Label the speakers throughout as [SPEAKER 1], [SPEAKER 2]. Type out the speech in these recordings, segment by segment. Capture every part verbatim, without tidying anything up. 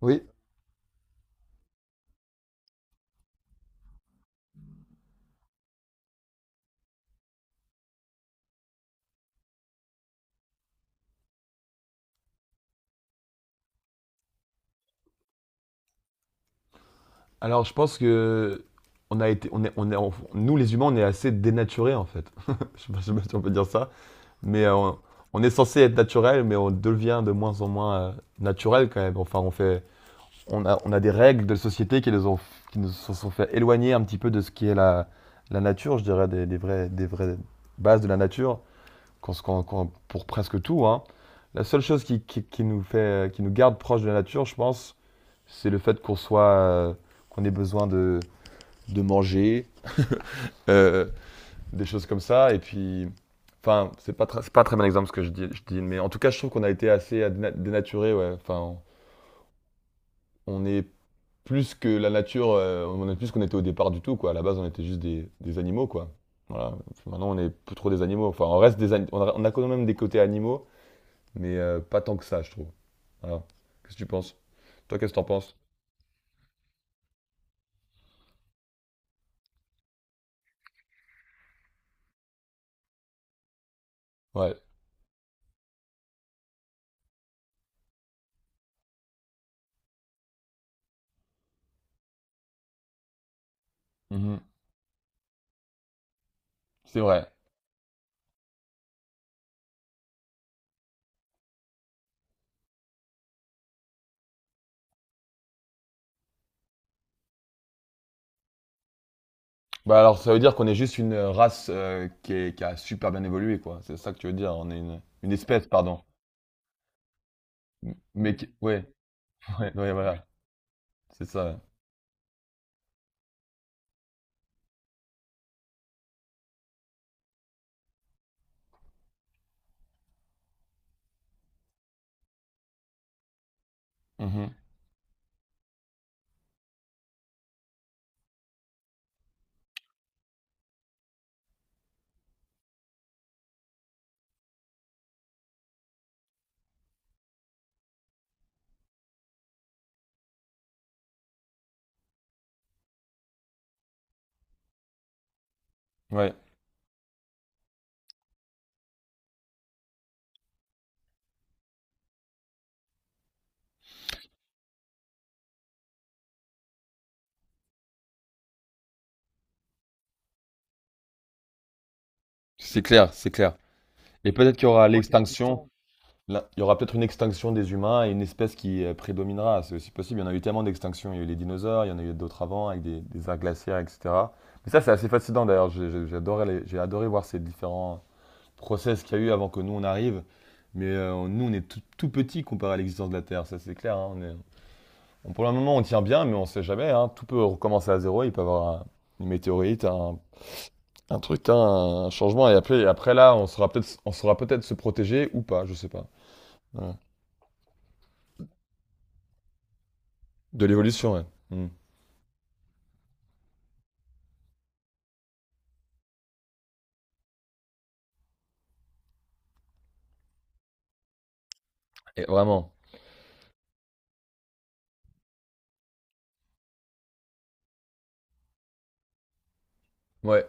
[SPEAKER 1] Oui. Alors, je pense que on a été, on est, on est, on- nous les humains, on est assez dénaturés en fait. Je sais pas, je sais pas si on peut dire ça, mais euh, on, on est censé être naturel, mais on devient de moins en moins euh, naturel quand même. Enfin, on fait, on a, on a des règles de société qui nous ont, qui nous se sont fait éloigner un petit peu de ce qui est la, la nature, je dirais, des, des vraies, des vraies bases de la nature, qu'on se- qu'on- qu'on- pour presque tout, hein. La seule chose qui, qui, qui nous fait, qui nous garde proche de la nature, je pense, c'est le fait qu'on soit, euh, qu'on ait besoin de, de manger, euh, des choses comme ça. Et puis, enfin, c'est pas, très- c'est pas un très bon exemple ce que je dis, je dis, mais en tout cas, je trouve qu'on a été assez à déna- dénaturé, ouais. Enfin, on est plus que la nature, euh, on est plus qu'on était au départ du tout, quoi. À la base, on était juste des, des animaux, quoi. Voilà. Puis maintenant, on est plus trop des animaux. Enfin, on reste des, ani- on a, on a quand même des côtés animaux, mais euh, pas tant que ça, je trouve. Voilà. Qu'est-ce que tu penses? Toi, qu'est-ce que t'en penses? Ouais. Mhm. C'est vrai. Bah alors ça veut dire qu'on est juste une race euh, qui est- qui a super bien évolué, quoi. C'est ça que tu veux dire, on est une, une espèce, pardon. M- Mais qui- ouais, ouais, ouais, voilà, c'est ça. Ouais. Mhm. Ouais, c'est clair, c'est clair. Et peut-être qu'il y aura l'extinction, là, il y aura peut-être une extinction des humains et une espèce qui euh, prédominera, c'est aussi possible. Il y en a eu tellement d'extinctions, il y a eu les dinosaures, il y en a eu d'autres avant avec des, des ères glaciaires, et cetera. Mais ça c'est assez fascinant d'ailleurs. J'ai- j'ai- j'adorais les- j'ai adoré voir ces différents process qu'il y a eu avant que nous on arrive. Mais euh, nous, on est tout, tout petit comparé à l'existence de la Terre, ça c'est clair, hein. On est- on- pour le moment, on tient bien, mais on ne sait jamais, hein. Tout peut recommencer à zéro. Il peut y avoir un- Une météorite, un, un truc, hein, un changement. Et après, et après là, on saura peut-être, on saura peut-être se protéger ou pas, je sais pas. Voilà. De l'évolution, ouais. Mm. Et vraiment, ouais,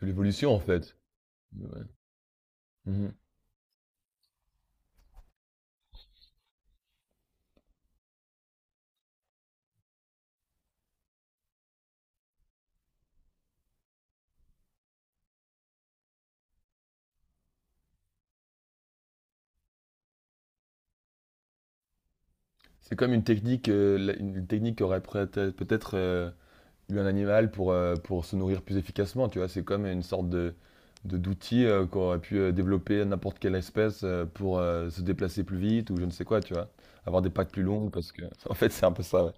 [SPEAKER 1] de l'évolution en fait. Ouais. Mhm. C'est comme une technique, euh, la- une technique qui aurait peut-être peut-être, euh, eu un animal pour, euh, pour se nourrir plus efficacement, tu vois. C'est comme une sorte de, de- d'outil euh, qu'aurait pu euh, développer n'importe quelle espèce euh, pour euh, se déplacer plus vite ou je ne sais quoi, tu vois. Avoir des pattes plus longues parce que... En fait, c'est un peu ça, ouais.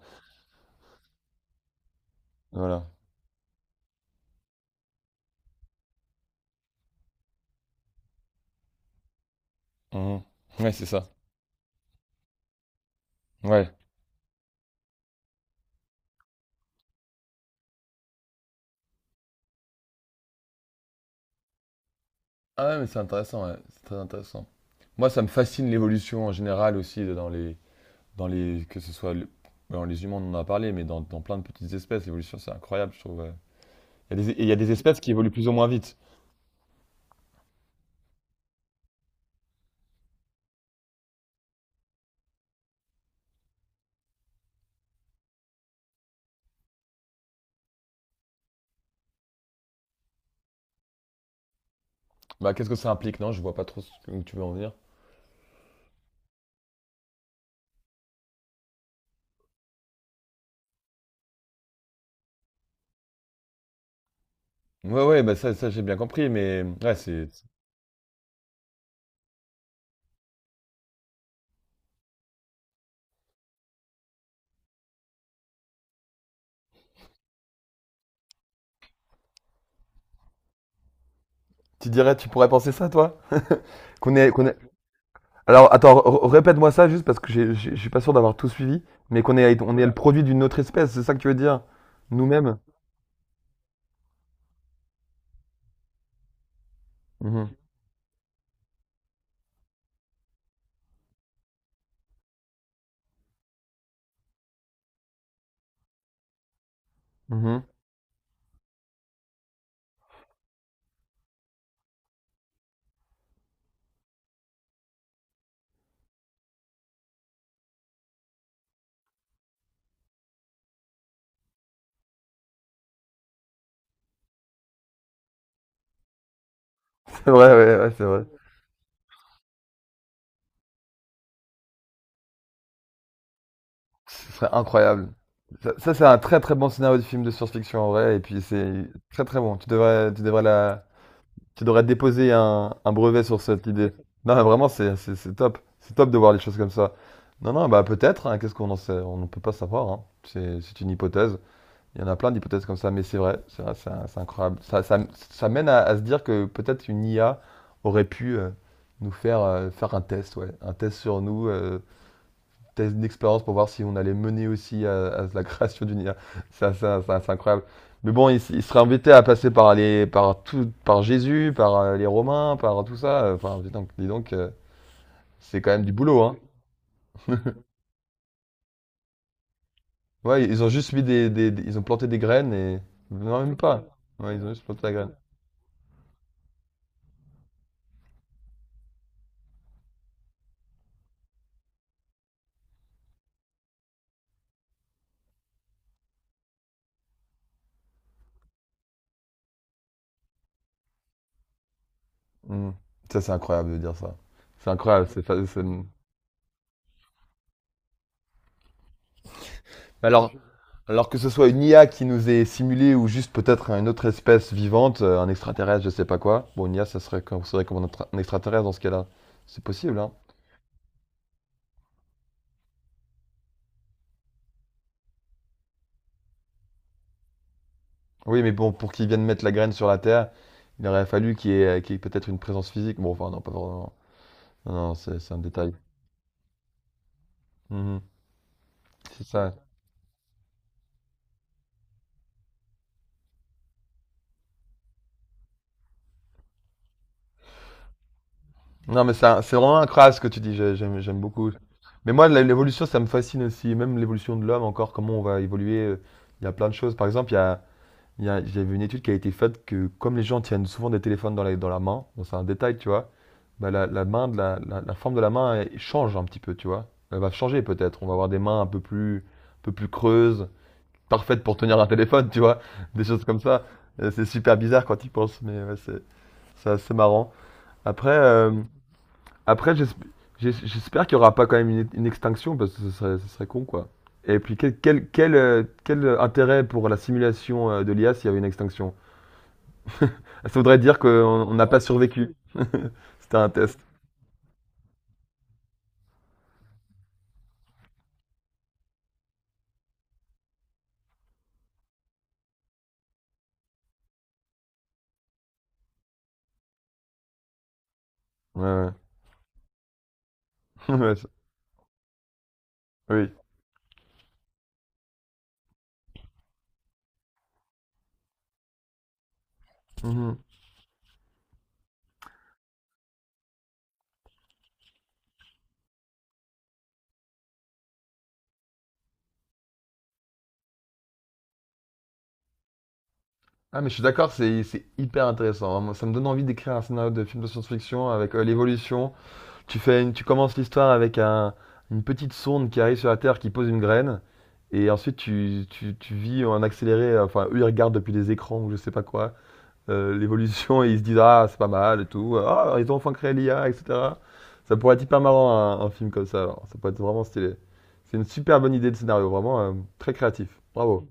[SPEAKER 1] Voilà. Mhm. Ouais, c'est ça. Ouais. Ah ouais, mais c'est intéressant, ouais. C'est très intéressant. Moi, ça me fascine l'évolution en général aussi dans les... Dans les que ce soit... le- Dans les humains, on en a parlé, mais dans, dans plein de petites espèces, l'évolution, c'est incroyable, je trouve, ouais. Il y a des, et il y a des espèces qui évoluent plus ou moins vite. Bah, qu'est-ce que ça implique, non? Je vois pas trop ce que tu veux en venir. Ouais, ouais, bah ça, ça j'ai bien compris, mais ouais, c'est. Tu dirais, tu pourrais penser ça, toi? Qu'on est, qu'on est... Alors, attends, r- répète-moi ça juste parce que j'ai- j'ai- je suis pas sûr d'avoir tout suivi, mais qu'on est, on est le produit d'une autre espèce, c'est ça que tu veux dire? Nous-mêmes? Mhm, mhm. C'est vrai, ouais, ouais, c'est vrai. Ce serait incroyable. Ça, ça, c'est un très très bon scénario de film de science-fiction en vrai, et puis c'est très très bon. Tu devrais, tu devrais la, tu devrais déposer un, un brevet sur cette idée. Non, mais vraiment, c'est c'est- c'est top. C'est top de voir les choses comme ça. Non, non, bah peut-être, hein. Qu'est-ce qu'on en sait? On ne peut pas savoir, hein. C'est c'est une hypothèse. Il y en a plein d'hypothèses comme ça, mais c'est vrai. C'est vrai, c'est c'est incroyable. Ça, ça, ça mène à, à se dire que peut-être une I A aurait pu euh, nous faire, euh, faire un test, ouais. Un test sur nous, euh, test d'expérience pour voir si on allait mener aussi à, à la création d'une I A. Ça, ça, ça, c'est incroyable. Mais bon, il, s- il serait embêté à passer par les, par tout, par Jésus, par euh, les Romains, par tout ça. Enfin, dis donc, dis donc, euh, c'est quand même du boulot, hein. Ouais, ils ont juste mis des, des- des- ils ont planté des graines et non, même pas. Ouais, ils ont juste planté la graine. Hmm. Ça, c'est incroyable de dire ça. C'est incroyable. C'est, fa- c'est- Alors, Alors que ce soit une I A qui nous est simulée ou juste peut-être une autre espèce vivante, euh, un extraterrestre, je sais pas quoi. Bon, une I A, ça serait considéré comme un, extra- un extraterrestre dans ce cas-là. C'est possible, hein. Oui, mais bon, pour qu'il vienne mettre la graine sur la Terre, il aurait fallu qu'il y ait, qu'il y ait peut-être une présence physique. Bon, enfin, non, pas vraiment. Non, non, c'est c'est un détail. Mhm, c'est ça. Non, mais c'est un- c'est vraiment incroyable ce que tu dis, j'ai- j'aime j'aime beaucoup. Mais moi, la- l'évolution, ça me fascine aussi. Même l'évolution de l'homme, encore, comment on va évoluer, euh. Il y a plein de choses. Par exemple, il y a. Il y a- J'ai vu une étude qui a été faite que comme les gens tiennent souvent des téléphones dans la, dans la main, bon, c'est un détail, tu vois, bah, la, la main de la, la- la forme de la main elle change un petit peu, tu vois. Elle va changer peut-être. On va avoir des mains un peu plus, un peu plus creuses, parfaites pour tenir un téléphone, tu vois. Des choses comme ça. Euh, C'est super bizarre quand tu y penses, mais ouais, c'est c'est assez marrant. Après, euh, après j'esp- j'es- j'espère qu'il n'y aura pas quand même une, une extinction parce que ce serait, ce serait con, quoi. Et puis quel, quel, quel, euh, quel intérêt pour la simulation euh, de l'I A s'il y avait une extinction? Ça voudrait dire qu'on n'a pas survécu. C'était un test. Ouais, ouais. Ouais, ça- Oui. Mhm. Ah, mais je suis d'accord, c'est c'est hyper intéressant, hein. Moi, ça me donne envie d'écrire un scénario de film de science-fiction avec euh, l'évolution. Tu fais une- tu commences l'histoire avec un- une petite sonde qui arrive sur la Terre, qui pose une graine, et ensuite tu, tu- tu vis en accéléré. euh, Enfin, eux, ils regardent depuis des écrans ou je sais pas quoi. Euh, l'évolution et ils se disent ah c'est pas mal et tout, ah ils ont enfin créé l'I A, et cetera. Ça pourrait être hyper marrant un, un film comme ça, alors. Ça pourrait être vraiment stylé. C'est une super bonne idée de scénario, vraiment euh, très créatif. Bravo.